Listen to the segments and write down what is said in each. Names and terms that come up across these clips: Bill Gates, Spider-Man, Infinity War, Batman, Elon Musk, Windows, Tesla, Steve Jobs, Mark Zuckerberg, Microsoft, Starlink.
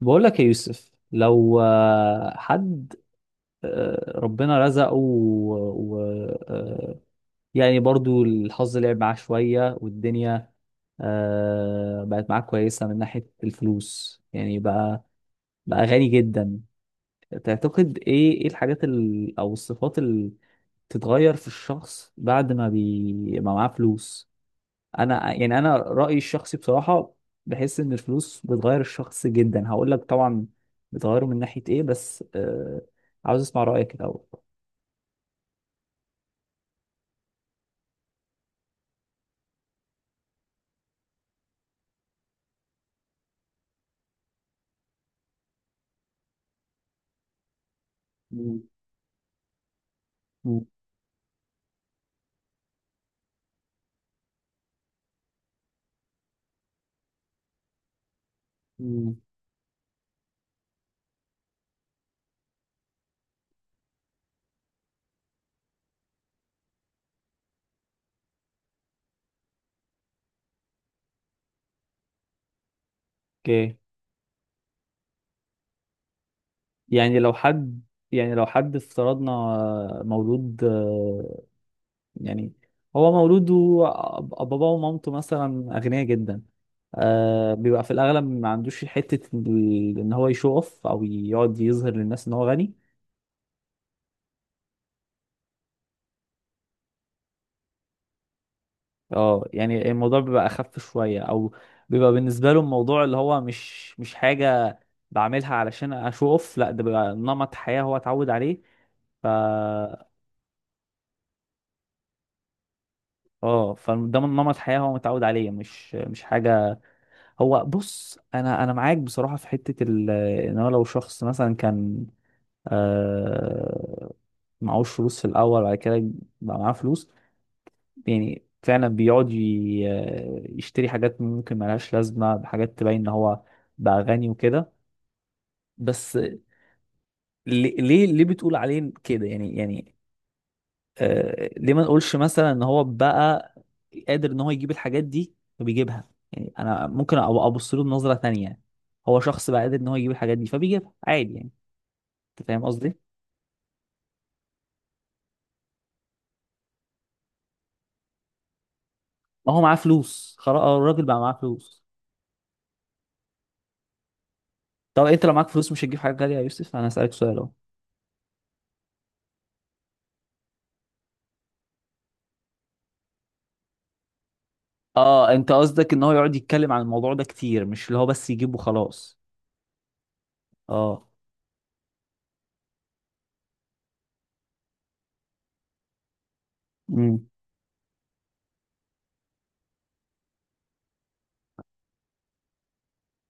بقول لك يا يوسف لو حد ربنا رزقه و... و... آه، يعني برضو الحظ لعب معاه شوية والدنيا بقت معاه كويسة من ناحية الفلوس، يعني بقى غني جدا. تعتقد ايه الحاجات او الصفات اللي بتتغير في الشخص بعد ما معاه فلوس. انا رايي الشخصي بصراحه. بحس ان الفلوس بتغير الشخص جدا. هقول لك طبعا بتغيره من ناحيه ايه، بس عاوز اسمع رايك الاول. مم. مم. مم. اوكي. يعني لو حد يعني لو حد افترضنا مولود. يعني هو مولود وباباه ومامته مثلا اغنياء جدا. بيبقى في الاغلب ما عندوش حته ان هو يشوف او يقعد يظهر للناس ان هو غني. اه، يعني الموضوع بيبقى اخف شويه، او بيبقى بالنسبه له الموضوع اللي هو مش حاجه بعملها علشان اشوف اوف. لا، ده بيبقى نمط حياه هو اتعود عليه. ف اه، فده من نمط حياه هو متعود عليه، مش حاجه. هو بص، انا معاك بصراحه في حته ان هو لو شخص مثلا كان آه... معهوش فلوس في الاول، بعد كده بقى معاه فلوس. يعني فعلا بيقعد يشتري حاجات ممكن ملهاش لازمة بحاجات تبين ان هو بقى غني وكده. بس ليه بتقول عليه كده؟ ليه ما نقولش مثلا ان هو بقى قادر ان هو يجيب الحاجات دي فبيجيبها؟ يعني انا ممكن ابص له بنظرة تانية. هو شخص بقى قادر ان هو يجيب الحاجات دي فبيجيبها عادي. يعني انت فاهم قصدي؟ ما هو معاه فلوس خلاص. الراجل بقى معاه فلوس. طب انت لو معاك فلوس مش هتجيب حاجة غالية يا يوسف؟ انا هسألك سؤال اهو. اه، انت قصدك ان هو يقعد يتكلم عن الموضوع ده كتير، مش اللي هو بس يجيبه خلاص. اه. امم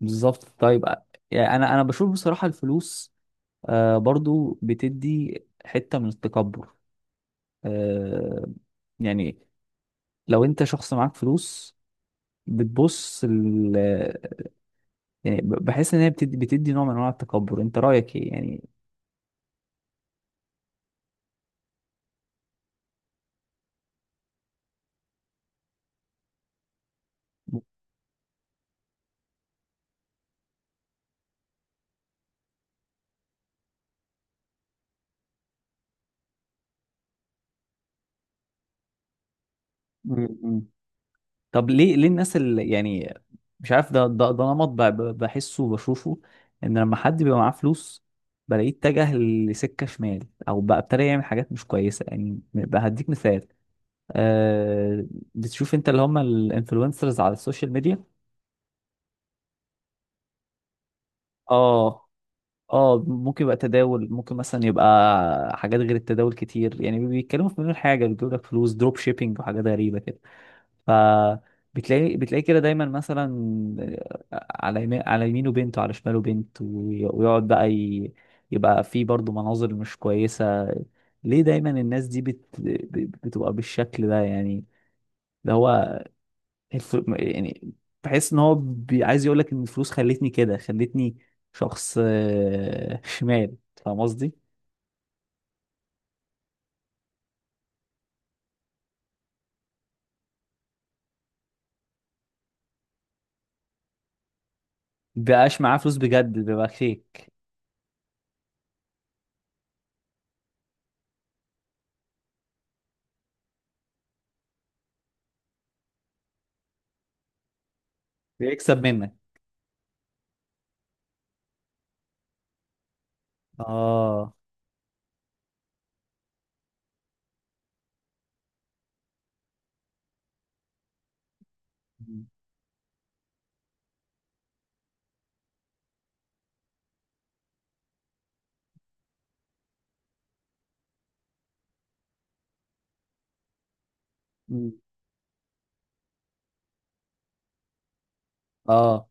بالظبط. طيب، يعني انا بشوف بصراحة الفلوس برضو بتدي حتة من التكبر. آه يعني لو انت شخص معاك فلوس، بتبص ال يعني بحس ان هي بتدي نوع من انواع التكبر، انت رأيك ايه يعني؟ مم. مم. طب ليه الناس اللي يعني مش عارف. ده نمط بحسه وبشوفه، ان لما حد بيبقى معاه فلوس بلاقيه اتجه لسكه شمال، او بقى ابتدى يعمل حاجات مش كويسه. يعني بقى هديك مثال. آه بتشوف انت اللي هم الانفلونسرز على السوشيال ميديا. اه، اه، ممكن يبقى تداول، ممكن مثلا يبقى حاجات غير التداول كتير. يعني بيتكلموا في مليون حاجه، بيجيبوا لك فلوس دروب شيبينج وحاجات غريبه كده. فبتلاقي كده دايما مثلا على يمينه بنت وعلى شماله بنت، ويقعد بقى يبقى في برضه مناظر مش كويسة. ليه دايما الناس دي بتبقى بالشكل ده يعني؟ ده هو يعني بحس ان هو عايز يقول لك ان الفلوس خلتني كده، خلتني شخص شمال. فاهم قصدي؟ بقاش معاه فلوس بجد بيبقى فيك، بيكسب منك. اه. مم. اه.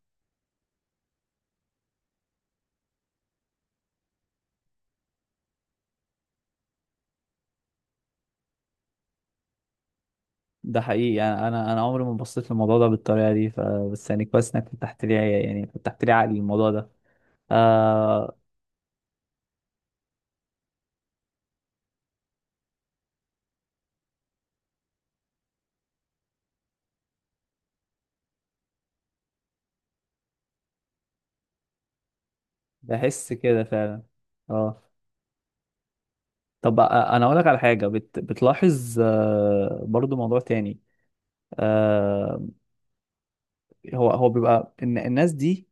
ده حقيقي، انا عمري ما بصيت للموضوع ده بالطريقه دي. بس يعني كويس انك فتحت لي، يعني فتحت لي عقلي الموضوع ده. آه بحس كده فعلا. اه. طب انا اقول لك على حاجه. بتلاحظ برضو موضوع تاني. آه هو بيبقى إن الناس دي،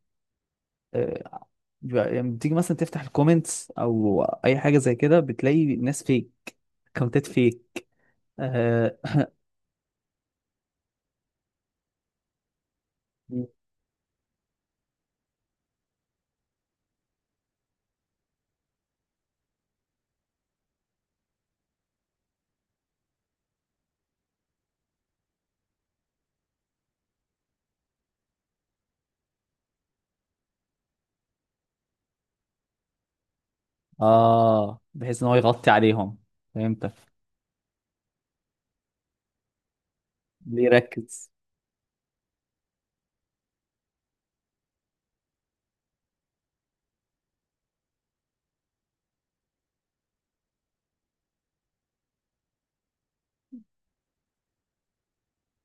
آه يعني بتيجي مثلا تفتح الكومنتس او اي حاجه زي كده، بتلاقي ناس فيك، اكونتات فيك. آه, اه، بحيث ان هو يغطي عليهم. فهمتك. ليه ركز.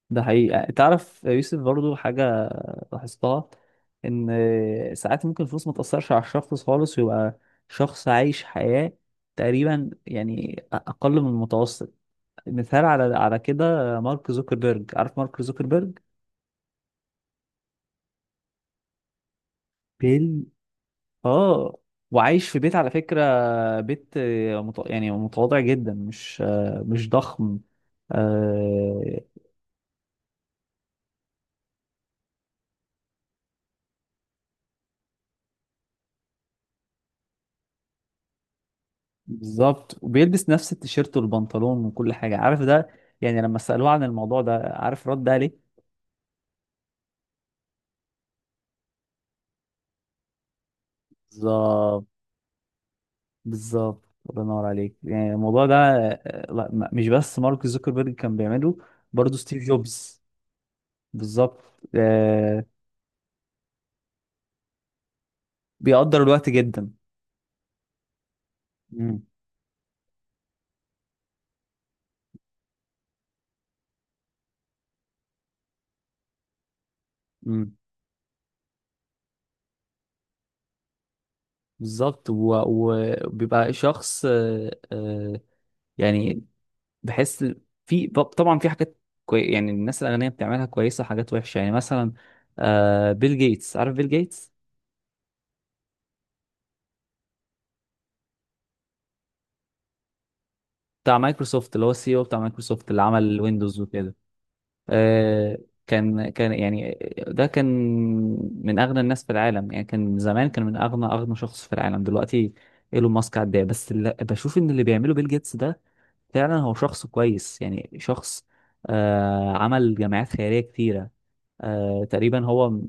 ده حقيقي. يعني تعرف يا يوسف برضو حاجة لاحظتها، إن ساعات ممكن الفلوس ما تأثرش على الشخص خالص، ويبقى شخص عايش حياة تقريبا يعني أقل من المتوسط. مثال على كده، مارك زوكربيرج. عارف مارك زوكربيرج؟ بيل آه وعايش في بيت على فكرة. بيت يعني متواضع جدا، مش ضخم. آه، بالظبط، وبيلبس نفس التيشيرت والبنطلون وكل حاجة. عارف ده؟ يعني لما سألوه عن الموضوع ده، عارف رد عليه؟ بالظبط، بالظبط، الله ينور عليك. يعني الموضوع ده لا، مش بس مارك زوكربيرج كان بيعمله، برضه ستيف جوبز. بالظبط. آه، بيقدر الوقت جدا. مم. مم. بالظبط، وبيبقى شخص يعني بحس في طبعا في حاجات يعني الناس الأغنياء بتعملها كويسة، وحاجات وحشة. يعني مثلا بيل جيتس. عارف بيل جيتس؟ بتاع مايكروسوفت، اللي هو السي او بتاع مايكروسوفت، اللي عمل ويندوز وكده. آه كان يعني. ده كان من أغنى الناس في العالم. يعني كان زمان كان من أغنى شخص في العالم. دلوقتي ايلون ماسك عداه، بس اللي بشوف ان اللي بيعمله بيل جيتس ده فعلا هو شخص كويس، يعني شخص عمل جمعيات خيرية كتيرة. تقريبا هو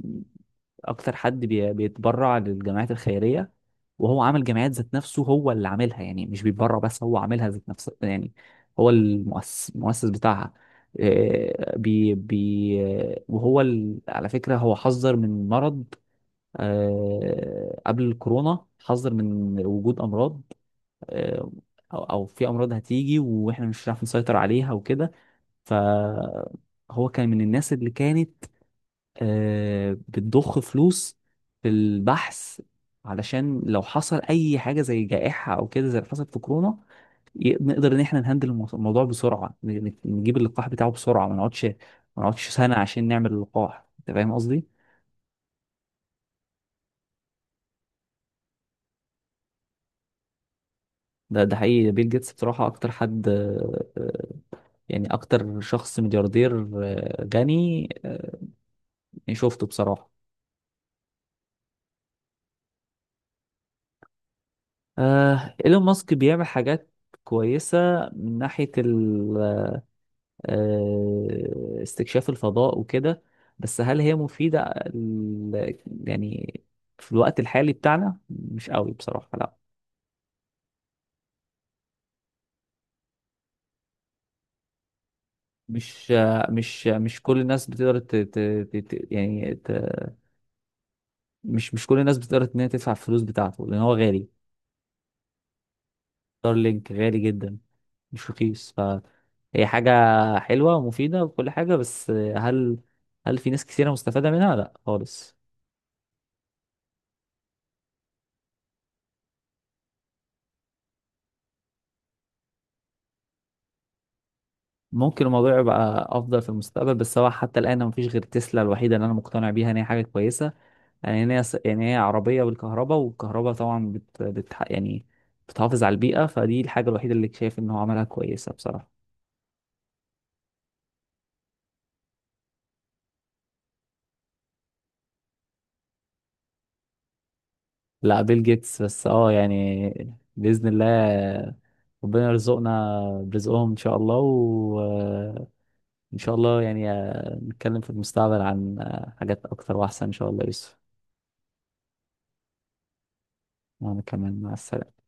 اكتر حد بيتبرع للجمعيات الخيريه. وهو عامل جمعيات ذات نفسه، هو اللي عاملها. يعني مش بيتبرع بس، هو عاملها ذات نفسه يعني. هو المؤسس بتاعها. آه، بي بي وهو على فكرة هو حذر من مرض. قبل الكورونا حذر من وجود أمراض. آه، أو في أمراض هتيجي وإحنا مش هنعرف نسيطر عليها وكده. فهو كان من الناس اللي كانت بتضخ فلوس في البحث، علشان لو حصل اي حاجه زي جائحه او كده، زي اللي حصل في كورونا. نقدر ان احنا نهندل الموضوع بسرعه، نجيب اللقاح بتاعه بسرعه. ما نقعدش سنه عشان نعمل اللقاح. انت فاهم قصدي؟ ده حقيقي. بيل جيتس بصراحه اكتر حد، يعني اكتر شخص ملياردير، غني، يعني شفته بصراحه. ايلون ماسك بيعمل حاجات كويسه من ناحيه استكشاف الفضاء وكده. بس هل هي مفيدة يعني في الوقت الحالي بتاعنا؟ مش قوي بصراحة، لا. مش كل الناس بتقدر مش كل الناس بتقدر ان هي تدفع الفلوس بتاعته، لان هو غالي. ستارلينك غالي جدا، مش رخيص. فهي حاجة حلوة ومفيدة وكل حاجة، بس هل في ناس كثيرة مستفادة منها؟ لا خالص. ممكن الموضوع يبقى افضل في المستقبل، بس هو حتى الان مفيش غير تسلا الوحيده اللي انا مقتنع بيها ان هي حاجه كويسه. يعني ان هي يعني هي عربيه بالكهرباء، والكهرباء طبعا بت... بت... يعني بتحافظ على البيئه. فدي الحاجه الوحيده اللي شايف ان هو عملها كويسه بصراحه. لا، بيل جيتس بس. اه، يعني باذن الله. ربنا يرزقنا برزقهم ان شاء الله. وان شاء الله يعني نتكلم في المستقبل عن حاجات اكتر واحسن ان شاء الله يا يوسف. وانا كمان، مع السلامه.